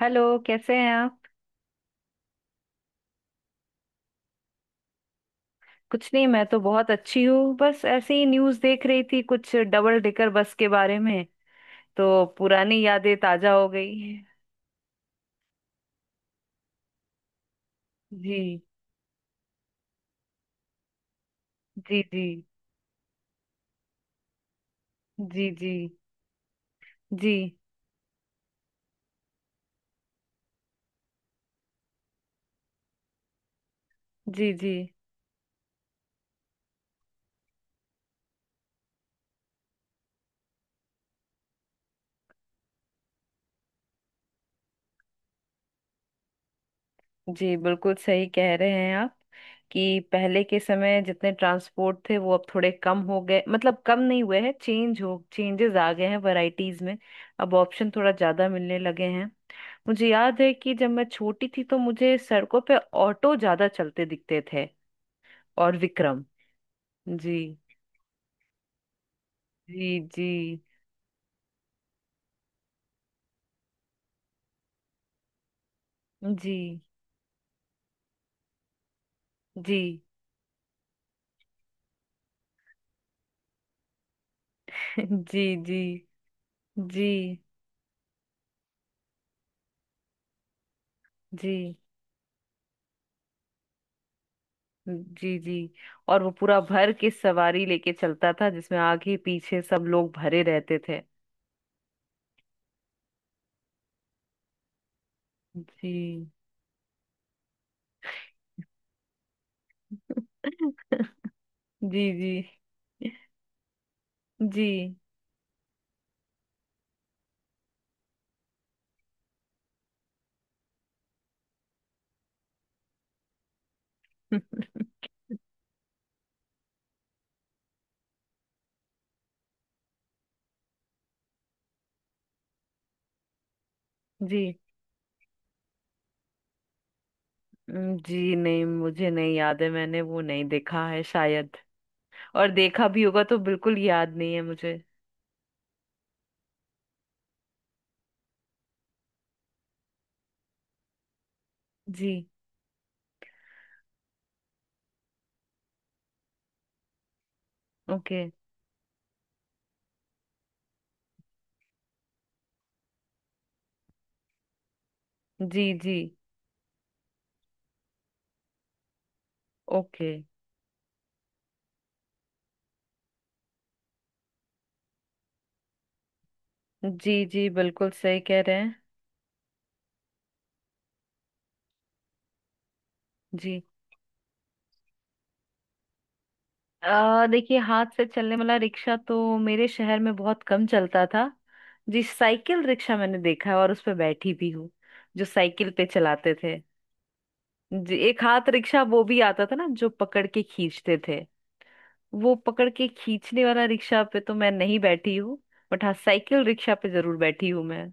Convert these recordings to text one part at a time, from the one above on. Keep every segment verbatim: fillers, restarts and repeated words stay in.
Hello, कैसे हैं आप? कुछ नहीं, मैं तो बहुत अच्छी हूँ। बस ऐसे ही न्यूज़ देख रही थी, कुछ डबल डेकर बस के बारे में। तो पुरानी यादें ताजा हो गई। जी। जी। जी। जी। जी। जी। जी। जी। जी बिल्कुल सही कह रहे हैं आप। कि पहले के समय जितने ट्रांसपोर्ट थे वो अब थोड़े कम हो गए, मतलब कम नहीं हुए हैं, चेंज हो चेंजेस आ गए हैं वैरायटीज में। अब ऑप्शन थोड़ा ज्यादा मिलने लगे हैं। मुझे याद है कि जब मैं छोटी थी तो मुझे सड़कों पे ऑटो ज्यादा चलते दिखते थे, और विक्रम। जी। जी। जी। जी। जी। जी। जी। जी। जी। जी। जी। और वो पूरा भर के सवारी लेके चलता था जिसमें आगे पीछे सब लोग भरे रहते थे। जी। जी। जी। जी। जी। हम्म, जी नहीं, मुझे नहीं याद है, मैंने वो नहीं देखा है शायद। और देखा भी होगा तो बिल्कुल याद नहीं है मुझे। जी। ओके। जी। जी। ओके। जी। जी बिल्कुल सही कह रहे हैं। जी। आ देखिए, हाथ से चलने वाला रिक्शा तो मेरे शहर में बहुत कम चलता था। जी, साइकिल रिक्शा मैंने देखा है, और उस पर बैठी भी हूँ। जो साइकिल पे चलाते थे। जी, एक हाथ रिक्शा वो भी आता था ना, जो पकड़ के खींचते थे। वो पकड़ के खींचने वाला रिक्शा पे तो मैं नहीं बैठी हूँ। बट हाँ, साइकिल रिक्शा पे जरूर बैठी हूँ मैं।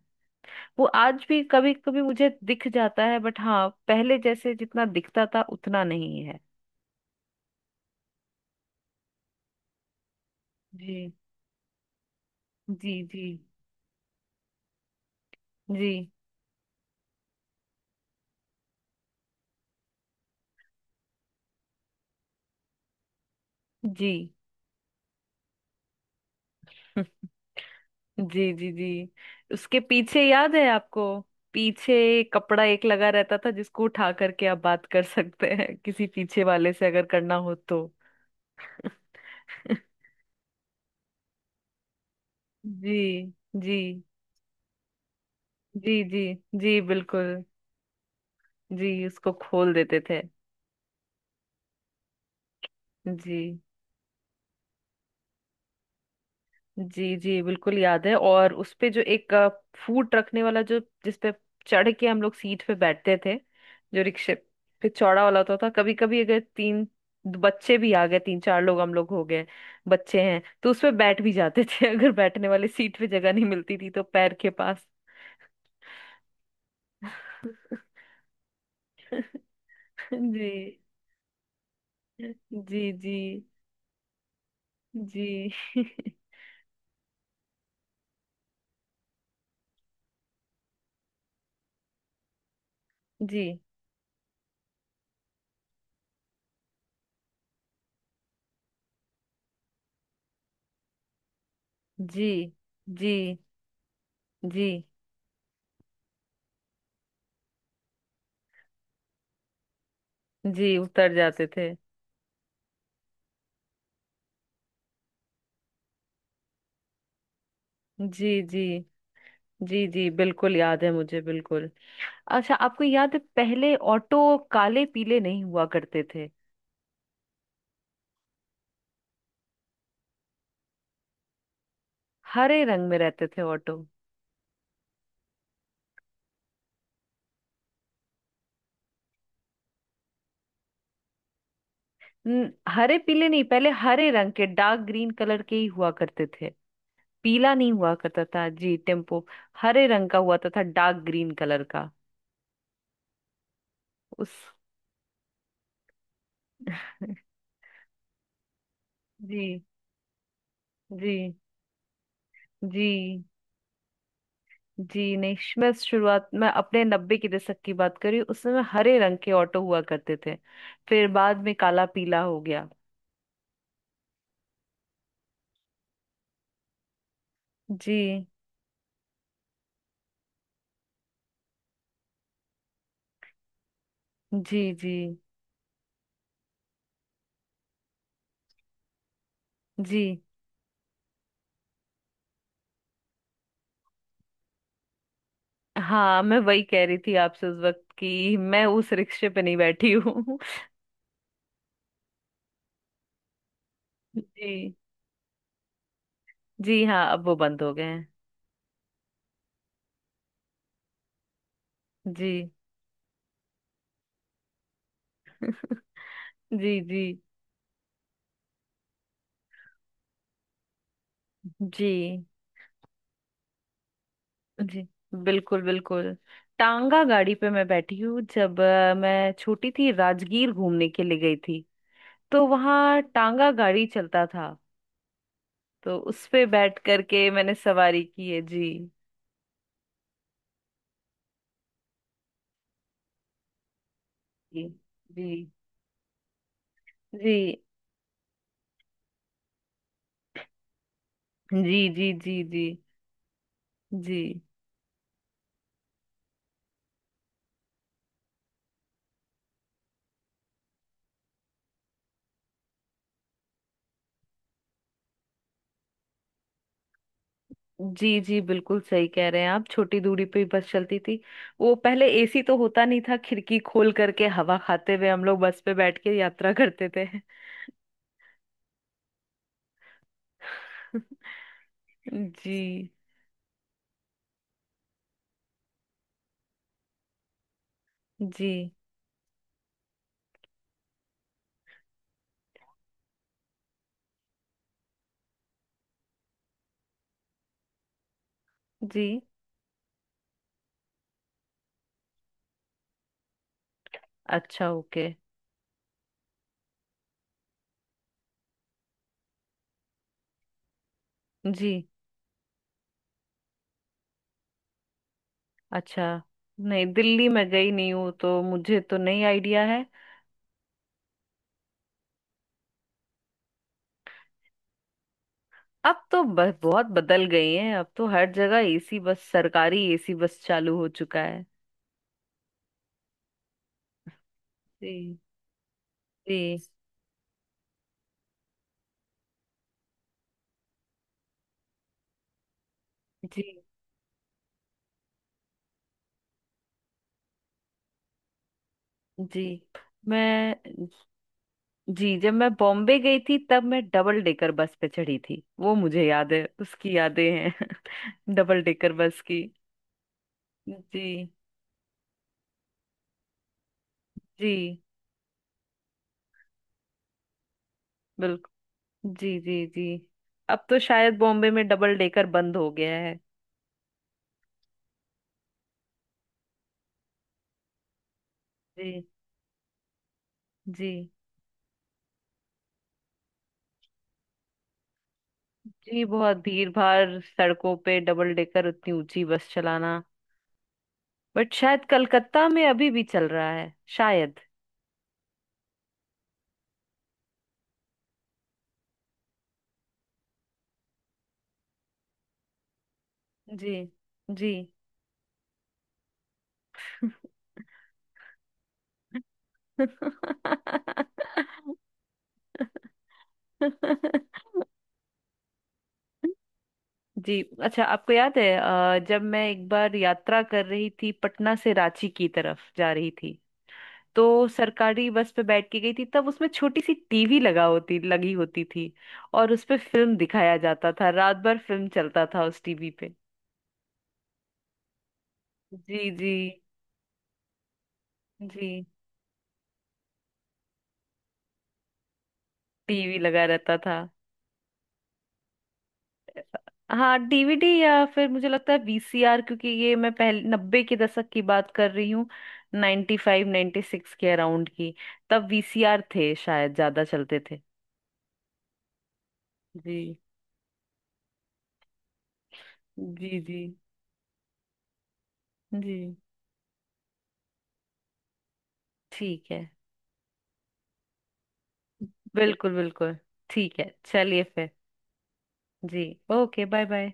वो आज भी कभी कभी मुझे दिख जाता है, बट हाँ, पहले जैसे जितना दिखता था उतना नहीं है। जी। जी। जी। जी। जी। जी। जी। जी। उसके पीछे याद है आपको, पीछे कपड़ा एक लगा रहता था, जिसको उठा करके आप बात कर सकते हैं किसी पीछे वाले से अगर करना हो तो। जी। जी। जी। जी। जी बिल्कुल। जी, उसको खोल देते थे। जी। जी। जी बिल्कुल याद है। और उस पे जो एक अ, फूट रखने वाला जो, जिस पे चढ़ के हम लोग सीट पे बैठते थे, जो रिक्शे पे चौड़ा वाला होता था। कभी कभी अगर तीन बच्चे भी आ गए, तीन चार लोग हम लोग हो गए, बच्चे हैं तो उस पे बैठ भी जाते थे। अगर बैठने वाली सीट पे जगह नहीं मिलती थी तो पैर के पास। जी। जी। जी। जी। जी। जी। जी। जी। जी उतर जाते थे। जी। जी। जी। जी बिल्कुल याद है मुझे, बिल्कुल। अच्छा, आपको याद है पहले ऑटो काले पीले नहीं हुआ करते थे? हरे रंग में रहते थे ऑटो। न- हरे पीले नहीं, पहले हरे रंग के, डार्क ग्रीन कलर के ही हुआ करते थे। पीला नहीं हुआ करता था जी टेम्पो। हरे रंग का हुआ तो था, डार्क ग्रीन कलर का। उस। जी। जी। जी। जी नहीं, मैं शुरुआत में अपने नब्बे की दशक की बात करी। उस समय हरे रंग के ऑटो हुआ करते थे, फिर बाद में काला पीला हो गया। जी। जी। जी। जी। हाँ, मैं वही कह रही थी आपसे उस वक्त, कि मैं उस रिक्शे पे नहीं बैठी हूँ। जी। जी हाँ, अब वो बंद हो गए हैं। जी। जी। जी। जी। जी बिल्कुल, बिल्कुल। टांगा गाड़ी पे मैं बैठी हूँ, जब अ, मैं छोटी थी राजगीर घूमने के लिए गई थी। तो वहाँ टांगा गाड़ी चलता था। तो उस पे बैठ करके मैंने सवारी की है जी। जी। जी। जी। जी। जी। जी। जी। जी। जी। जी बिल्कुल सही कह रहे हैं आप, छोटी दूरी पे ही बस चलती थी। वो पहले ए सी तो होता नहीं था, खिड़की खोल करके हवा खाते हुए हम लोग बस पे बैठ के यात्रा करते थे। जी। जी। जी। अच्छा, ओके। जी। अच्छा, नहीं, दिल्ली में गई नहीं हूँ तो मुझे तो नहीं आइडिया है। अब तो ब- बहुत बदल गई हैं, अब तो हर जगह ए सी बस, सरकारी ए सी बस चालू हो चुका है। जी। जी। जी। जी। मैं। जी, जब मैं बॉम्बे गई थी तब मैं डबल डेकर बस पे चढ़ी थी, वो मुझे याद है, उसकी यादें हैं। डबल डेकर बस की। जी। जी बिल्कुल। जी। जी। जी। अब तो शायद बॉम्बे में डबल डेकर बंद हो गया है। जी। जी। जी, बहुत भीड़ भाड़ सड़कों पे डबल डेकर उतनी ऊंची बस चलाना। बट शायद कलकत्ता में अभी भी चल रहा है शायद। जी। जी। जी। अच्छा, आपको याद है अ, जब मैं एक बार यात्रा कर रही थी, पटना से रांची की तरफ जा रही थी? तो सरकारी बस पे बैठ के गई थी, तब उसमें छोटी सी टी वी लगा होती लगी होती थी। और उस पे फिल्म दिखाया जाता था, रात भर फिल्म चलता था उस टी वी पे। जी। जी। जी। टी वी लगा रहता था। हाँ, डी वी डी, या फिर मुझे लगता है वी सी आर, क्योंकि ये मैं पहले नब्बे के दशक की बात कर रही हूँ। नाइन्टी फाइव नाइन्टी सिक्स के अराउंड की। तब वी सी आर थे शायद ज्यादा चलते थे। जी। जी। जी। जी। ठीक है। बिल्कुल, बिल्कुल। ठीक है, चलिए फिर। जी। Okay, bye bye.